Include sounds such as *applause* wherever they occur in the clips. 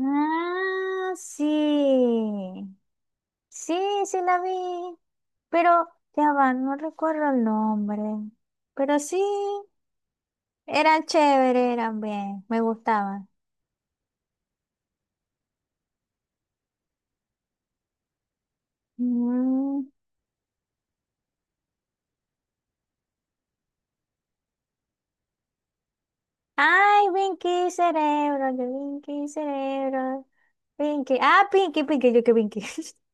Ah, sí. Sí, sí la vi. Pero, ya va, no recuerdo el nombre. Pero sí, eran chéveres, eran bien, me gustaban. Mm. Ay, Pinky Cerebro, que Pinky Cerebro. Pinky. Ah, Pinky, Pinky, yo que Pinky. *laughs*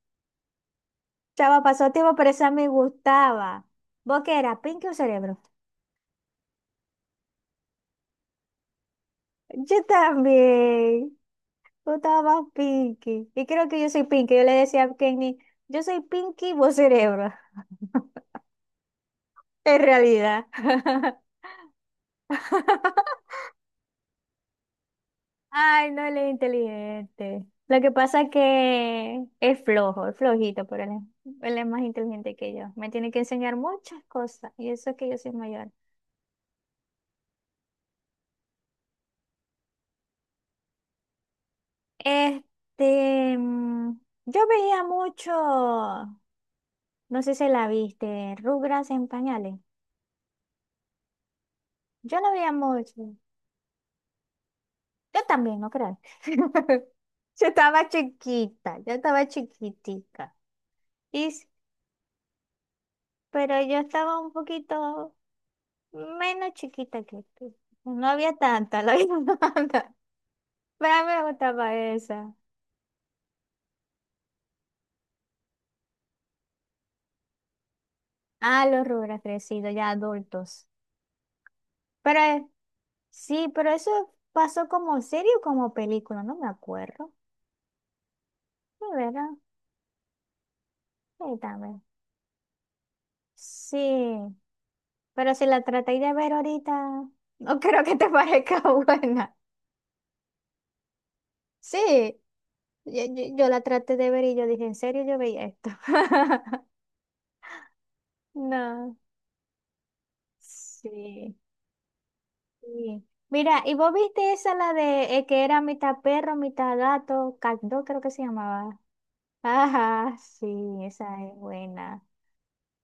Chava, pasó tiempo, pero esa me gustaba. ¿Vos qué era? ¿Pinky o Cerebro? Yo también. Tú estabas Pinky. Y creo que yo soy Pinky. Yo le decía a Kenny, yo soy Pinky, vos cerebro. En realidad. *laughs* Ay, no, él es inteligente. Lo que pasa es que es flojo, es flojito, pero él es más inteligente que yo. Me tiene que enseñar muchas cosas. Y eso es que yo soy mayor. Este, yo veía mucho, no sé si la viste, Rugras en pañales. Yo la veía mucho. Yo también, no crean. *laughs* Yo estaba chiquita, yo estaba chiquitica. Y, s- pero yo estaba un poquito menos chiquita que tú. No había tanta, la había *laughs* tanta. Pero a mí me gustaba esa. Ah, los rubros crecidos, ya adultos. Pero sí, pero eso pasó como serie o como película, no me acuerdo. De verdad, sí, también. Sí, pero si la traté de ver ahorita, no *laughs* creo que te *laughs* parezca buena. Sí, yo la traté de ver y yo dije, ¿en serio yo veía esto? *laughs* No, sí, sí. Mira, ¿y vos viste esa la de que era mitad perro, mitad gato? Caldo creo que se llamaba. Ajá, sí, esa es buena.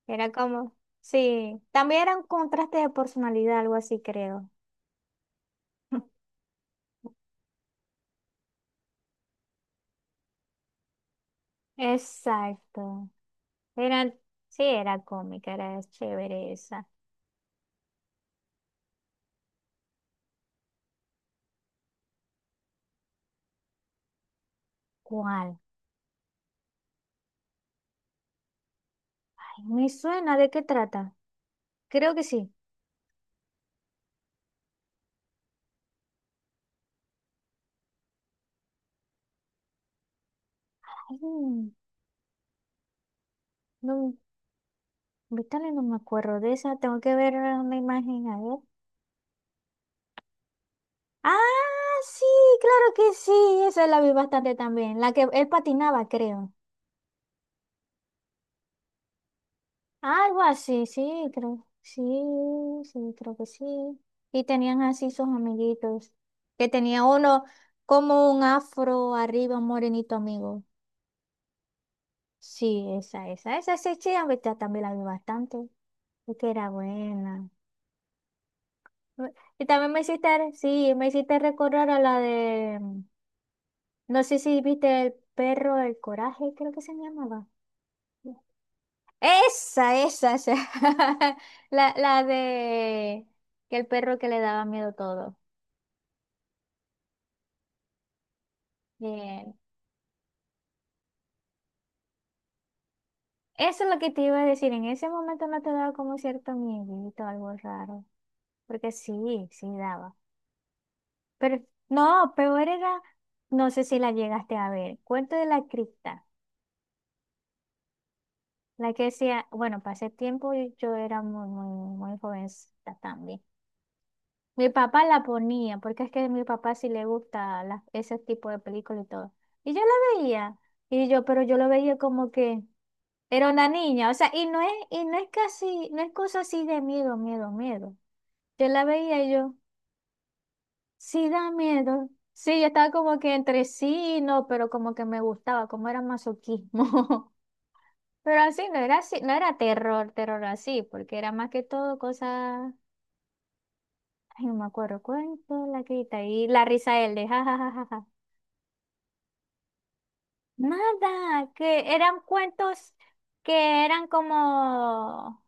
Era como, sí, también era un contraste de personalidad, algo así creo. *laughs* Exacto. Era, sí, era cómica, era chévere esa. ¿Cuál? Ay, me suena, ¿de qué trata? Creo que sí. Ay, no, Vitaly, no me acuerdo de esa. Tengo que ver una imagen, a ver. Ah, sí, claro que sí. Esa la vi bastante también. La que él patinaba, creo. Algo así, sí, creo. Sí, sí, creo que sí. Y tenían así sus amiguitos. Que tenía uno como un afro arriba, un morenito amigo. Sí, esa, esa. Esa sí, sí, aunque esta también la vi bastante. Es que era buena. Y también me hiciste, sí, me hiciste recordar a la de. No sé si viste el perro del coraje, creo que se llamaba. Esa, esa, esa. *laughs* La de que el perro que le daba miedo todo. Bien. Eso es lo que te iba a decir. En ese momento no te daba como cierto miedito, algo raro. Porque sí, sí daba. Pero no, peor era, no sé si la llegaste a ver. Cuento de la cripta. La que decía, bueno, pasé tiempo y yo era muy, muy, muy jovencita también. Mi papá la ponía, porque es que a mi papá sí le gusta la- ese tipo de películas y todo. Y yo la veía, y yo, pero yo lo veía como que era una niña, o sea, y no es casi, no es cosa así de miedo, miedo, miedo. Yo la veía y yo, sí da miedo. Sí, yo estaba como que entre sí y no, pero como que me gustaba, como era masoquismo. *laughs* Pero así, no era terror, terror así, porque era más que todo cosas, ay, no me acuerdo, cuento, la quita y la risa él de jajajaja. Nada, que eran cuentos que eran como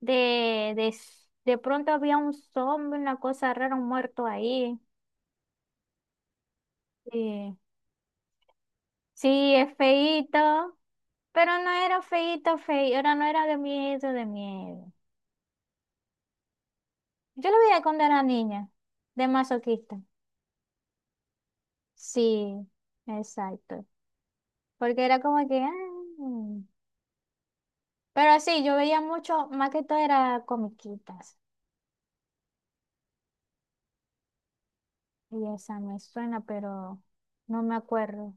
de pronto había un zombie, una cosa rara, un muerto ahí. Sí, sí, es feíto, pero no era feíto, feíto, era, no era de miedo, de miedo. Yo lo veía cuando era niña, de masoquista. Sí, exacto. Porque era como que, ah, pero sí, yo veía mucho, más que todo era comiquitas. Y esa me suena, pero no me acuerdo.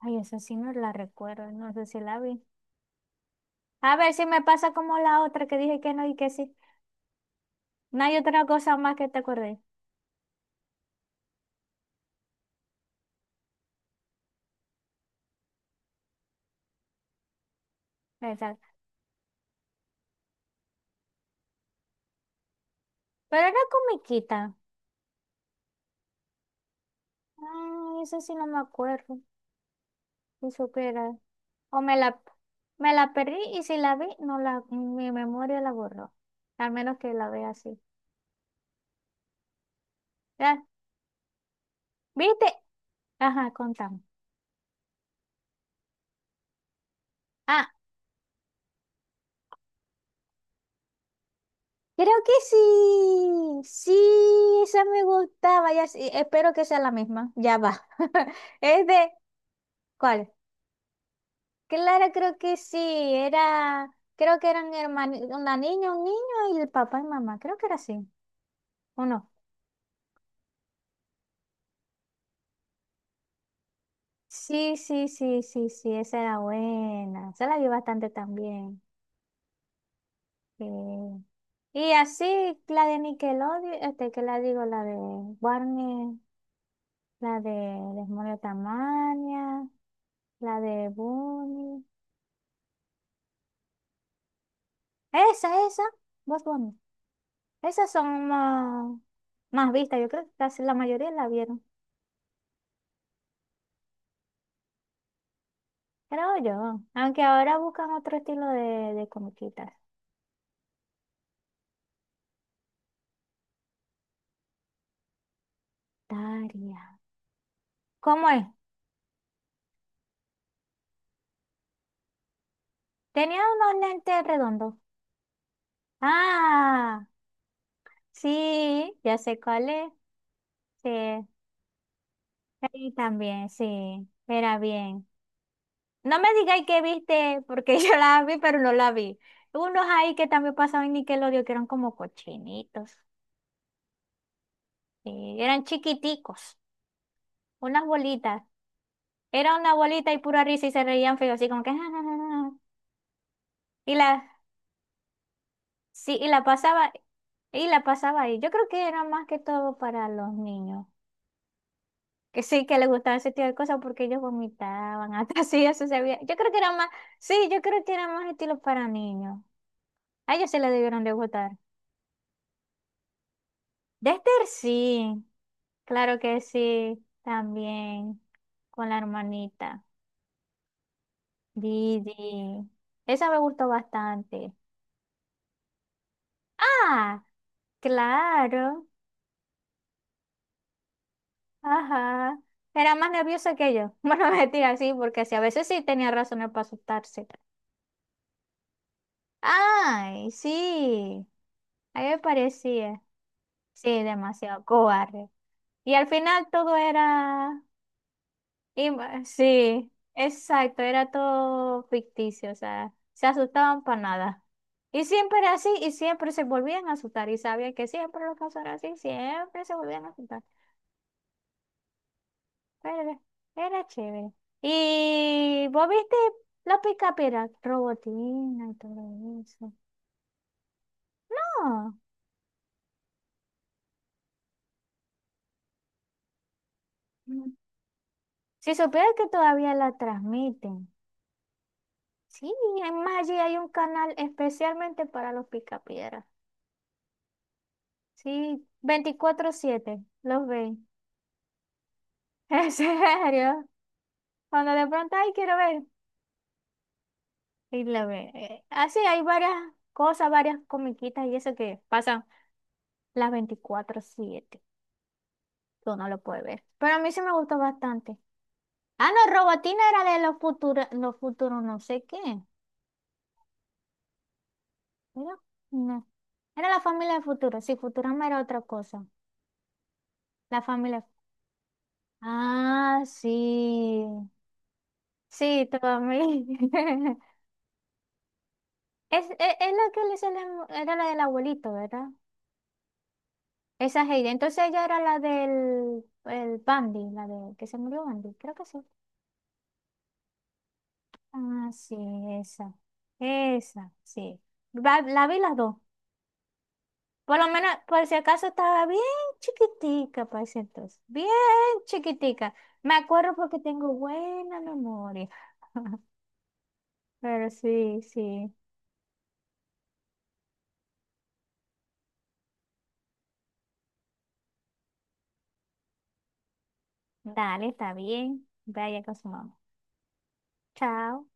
Ay, esa sí no la recuerdo, no sé si la vi. A ver si me pasa como la otra que dije que no y que sí. No hay otra cosa más que te acordé. Exacto. Pero era comiquita. Ay, esa sí no me acuerdo. Si supiera. O me la perdí y si la vi, no la, mi memoria la borró. Al menos que la vea así. Ya, ¿viste? Ajá, contame. Ah, creo que sí, sí, esa me gustaba, ya sí, espero que sea la misma, ya va. *laughs* Es de, ¿cuál? Clara, creo que sí, era, creo que eran hermanos, una niña, un niño y el papá y mamá, creo que era así, ¿o no? Sí, sí, sí, sí, sí, esa era buena, esa la vi bastante también. Sí. Y así, la de Nickelodeon, este, que la digo, la de Warner, la de Demonios Tamaña, la de Bunny. Esa, Bad Bunny. Esas son más, más vistas. Yo creo que casi la mayoría la vieron. Creo yo. Aunque ahora buscan otro estilo de comiquitas. Daria. ¿Cómo es? Tenía unos lentes redondos. Ah, sí, ya sé cuál es. Sí, sí, también, sí. Era bien. No me digáis que viste, porque *laughs* yo la vi, pero no la vi. Unos ahí que también pasaban en Nickelodeon, que eran como cochinitos. Sí, eran chiquiticos. Unas bolitas. Era una bolita y pura risa y se reían feo, así como que... *laughs* Y la, sí, y la pasaba ahí. Yo creo que era más que todo para los niños, que sí que les gustaba ese tipo de cosas porque ellos vomitaban, *laughs* hasta así eso se veía. Yo creo que era más, sí, yo creo que era más estilo para niños. A ellos se les debieron de gustar. Dexter sí, claro que sí, también, con la hermanita. Didi. Esa me gustó bastante. ¡Ah! Claro, ajá. Era más nerviosa que yo. *laughs* Bueno, no, mentira, sí, porque sí, a veces sí tenía razones para asustarse. Ay, sí, a mí me parecía. Sí, demasiado cobarde. Y al final todo era... Sí, exacto, era todo ficticio, o sea, se asustaban para nada. Y siempre era así, y siempre se volvían a asustar, y sabían que siempre lo pasara así, siempre se volvían a asustar. Era, era chévere. ¿Y vos viste la picapera? Robotina y todo eso. No. Si supieras que todavía la transmiten. Sí, además allí hay un canal especialmente para los picapiedras. Sí, 24/7 los ven. *laughs* En serio. Cuando de pronto, ay, quiero ver. Y la ven. Así hay varias cosas, varias comiquitas y eso que pasan las 24/7. Tú no lo puedes ver. Pero a mí sí me gustó bastante. Ah, no, Robotina era de los futuros no sé qué. Era, no. Era la familia del futuro. Sí, Futurama era otra cosa. La familia. Ah, sí. Sí, tu familia. *laughs* Es la que le sale- era la del abuelito, ¿verdad? Esa Heidi. Entonces ella era la del el Bandy, la de que se murió Bandy. Creo que sí. Ah, sí, esa. Esa, sí. La, vi las dos. Por lo menos, por si acaso estaba bien chiquitica para ese entonces, bien chiquitica. Me acuerdo porque tengo buena memoria. *laughs* Pero sí, sí. Dale, está bien. Vaya con su mamá. Chao.